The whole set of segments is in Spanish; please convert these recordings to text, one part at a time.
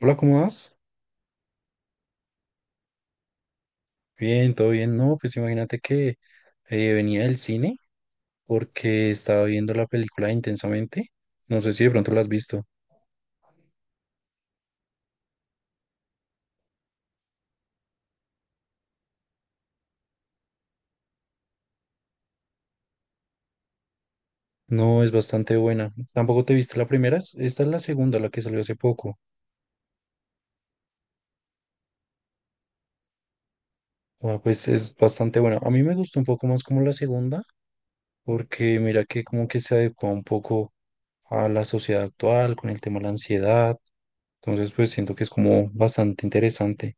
Hola, ¿cómo vas? Bien, todo bien. No, pues imagínate que venía del cine porque estaba viendo la película Intensamente. No sé si de pronto la has visto. No, es bastante buena. Tampoco te viste la primera. Esta es la segunda, la que salió hace poco. Ah, pues es bastante buena. A mí me gustó un poco más como la segunda porque mira que como que se adecua un poco a la sociedad actual con el tema de la ansiedad. Entonces, pues siento que es como bastante interesante.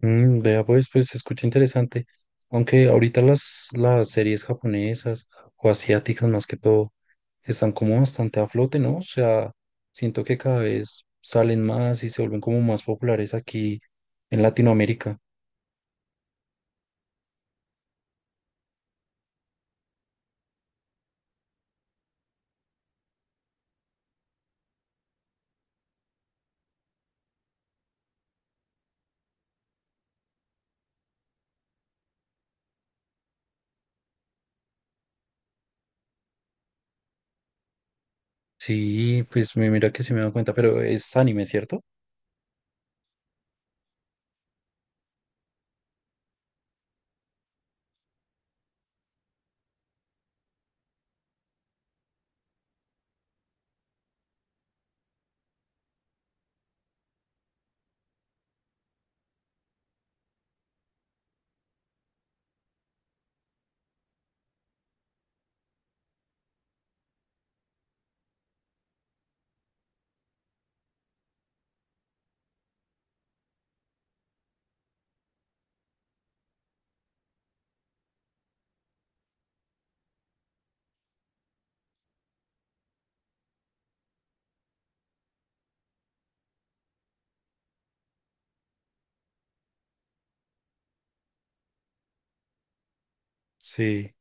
Mm, vea, pues, pues se escucha interesante. Aunque ahorita las series japonesas o asiáticas más que todo están como bastante a flote, ¿no? O sea, siento que cada vez salen más y se vuelven como más populares aquí en Latinoamérica. Sí, pues me mira que se me da cuenta, pero es anime, ¿cierto? Sí.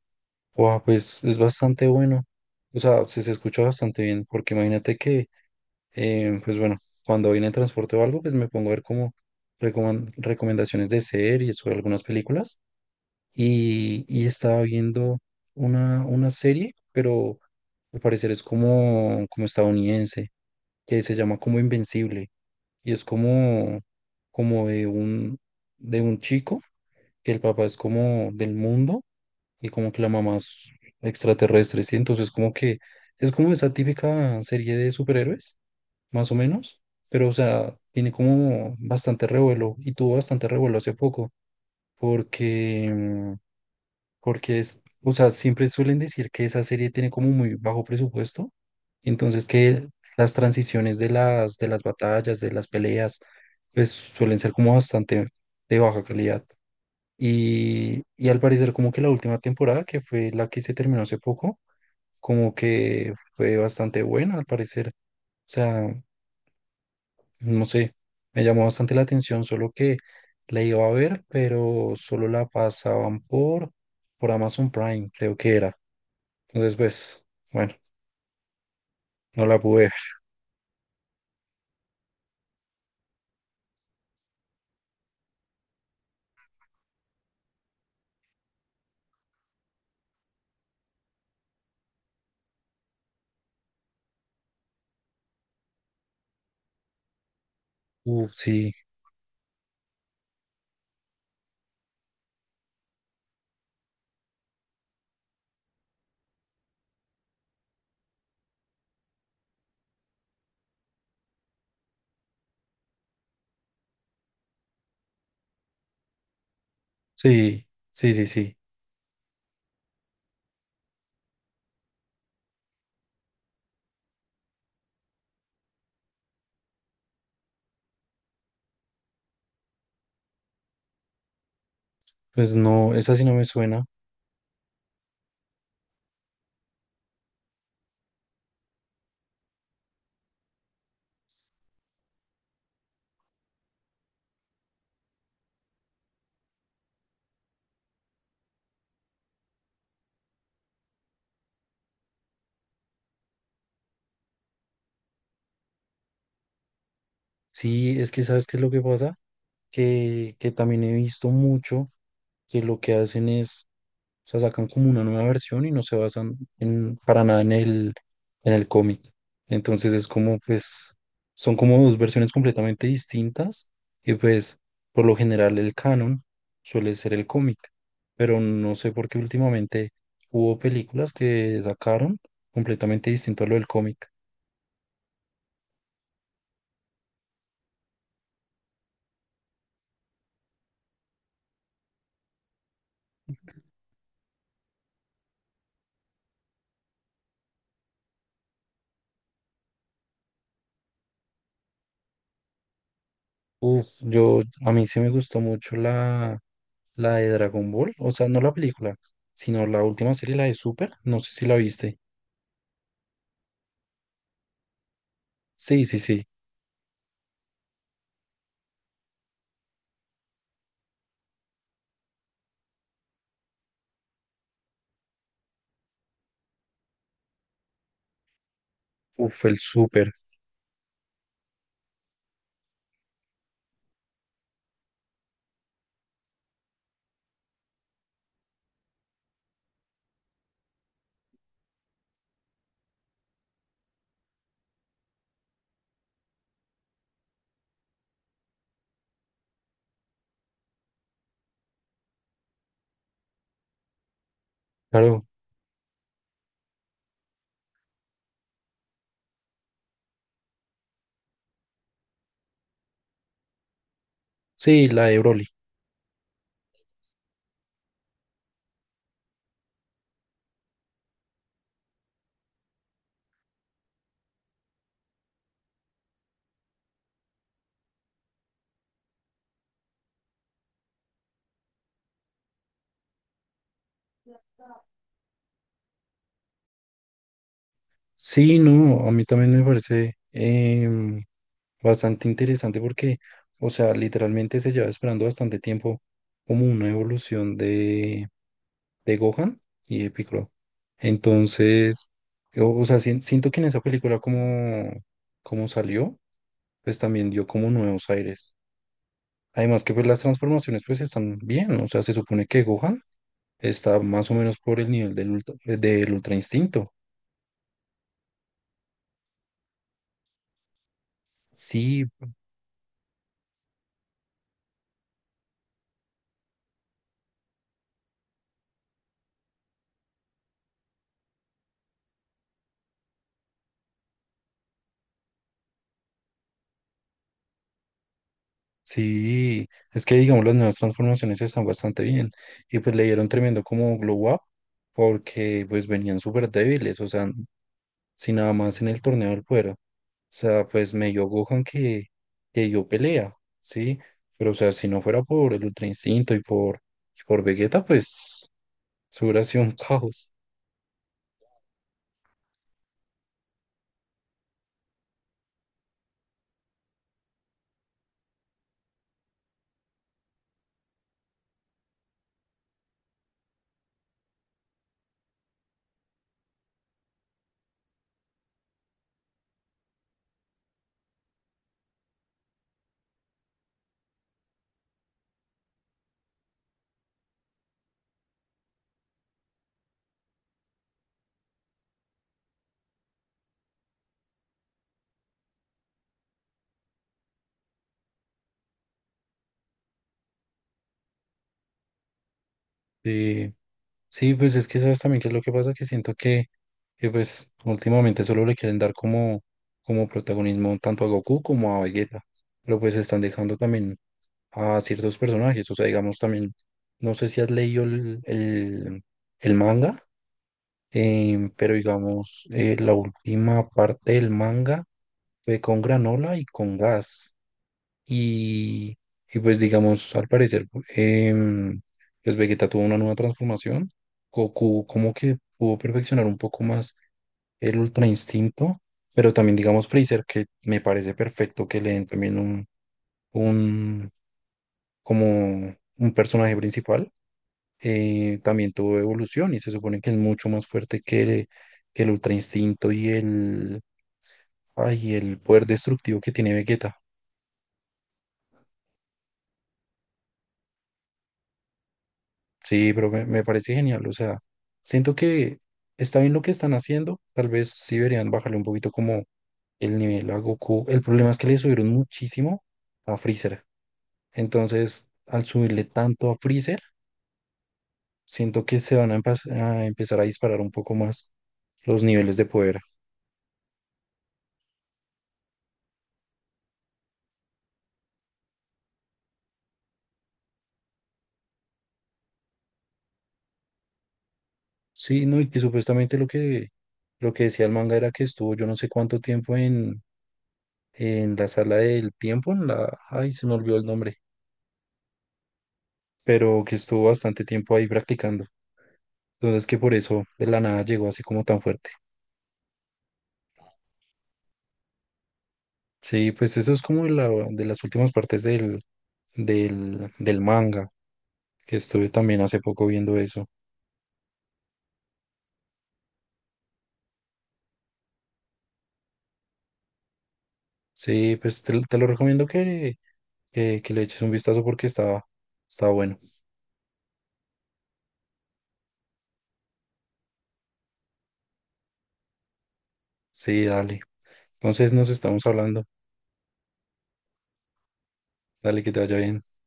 Wow, pues es bastante bueno. O sea, se escucha bastante bien, porque imagínate que pues bueno, cuando voy en el transporte o algo, pues me pongo a ver como recomendaciones de series o de algunas películas. Y estaba viendo una serie, pero al parecer es como, como estadounidense, que se llama como Invencible. Y es como, como de un chico, que el papá es como del mundo y como que la mamá es extraterrestre, ¿sí? Entonces como que es como esa típica serie de superhéroes más o menos, pero o sea, tiene como bastante revuelo y tuvo bastante revuelo hace poco, porque, porque es, o sea, siempre suelen decir que esa serie tiene como muy bajo presupuesto, entonces que las transiciones de de las batallas, de las peleas, pues suelen ser como bastante de baja calidad. Y al parecer como que la última temporada, que fue la que se terminó hace poco, como que fue bastante buena al parecer. O sea, no sé, me llamó bastante la atención, solo que la iba a ver, pero solo la pasaban por Amazon Prime, creo que era. Entonces, pues, bueno, no la pude ver. Uf, sí, sí, sí, sí, sí. Pues no, esa sí no me suena. Sí, es que ¿sabes qué es lo que pasa? Que también he visto mucho que lo que hacen es... O sea, sacan como una nueva versión y no se basan en, para nada en el cómic. Entonces es como, pues, son como dos versiones completamente distintas y pues, por lo general el canon suele ser el cómic, pero no sé por qué últimamente hubo películas que sacaron completamente distinto a lo del cómic. Uf, yo, a mí sí me gustó mucho la, la de Dragon Ball, o sea, no la película, sino la última serie, la de Super, no sé si la viste. Sí, sí, sí. Uf, el súper, claro. Sí, la de Broly. Sí, no, a mí también me parece bastante interesante porque, o sea, literalmente se lleva esperando bastante tiempo como una evolución de Gohan y de Piccolo. Entonces, o sea, siento que en esa película como, como salió, pues también dio como nuevos aires. Además que pues las transformaciones pues están bien, o sea, se supone que Gohan está más o menos por el nivel del del Ultra Instinto. Sí, sí, es que digamos las nuevas transformaciones están bastante bien y pues le dieron tremendo como glow up porque pues venían súper débiles, o sea, sin nada más en el torneo del fuera, o sea, pues medio Gohan que dio pelea, sí, pero o sea, si no fuera por el Ultra Instinto y por Vegeta, pues eso hubiera sido un caos, sí. Sí, pues es que sabes también qué es lo que pasa, que siento que pues últimamente solo le quieren dar como, como protagonismo tanto a Goku como a Vegeta, pero pues están dejando también a ciertos personajes, o sea, digamos también, no sé si has leído el manga, pero digamos, la última parte del manga fue con Granola y con Gas, y, y pues digamos, al parecer, em, pues Vegeta tuvo una nueva transformación. Goku como que pudo perfeccionar un poco más el Ultra Instinto, pero también digamos Freezer, que me parece perfecto que le den también un como un personaje principal. También tuvo evolución y se supone que es mucho más fuerte que, que el Ultra Instinto y el, ay, el poder destructivo que tiene Vegeta. Sí, pero me parece genial. O sea, siento que está bien lo que están haciendo. Tal vez sí deberían bajarle un poquito como el nivel a Goku. El problema es que le subieron muchísimo a Freezer. Entonces, al subirle tanto a Freezer, siento que se van a, a empezar a disparar un poco más los niveles de poder. Sí, no, y que supuestamente lo que decía el manga era que estuvo yo no sé cuánto tiempo en la sala del tiempo, en la... Ay, se me olvidó el nombre, pero que estuvo bastante tiempo ahí practicando. Entonces que por eso de la nada llegó así como tan fuerte. Sí, pues eso es como la, de las últimas partes del, del, del manga, que estuve también hace poco viendo eso. Sí, pues te lo recomiendo que le eches un vistazo porque está, está bueno. Sí, dale. Entonces nos estamos hablando. Dale, que te vaya bien.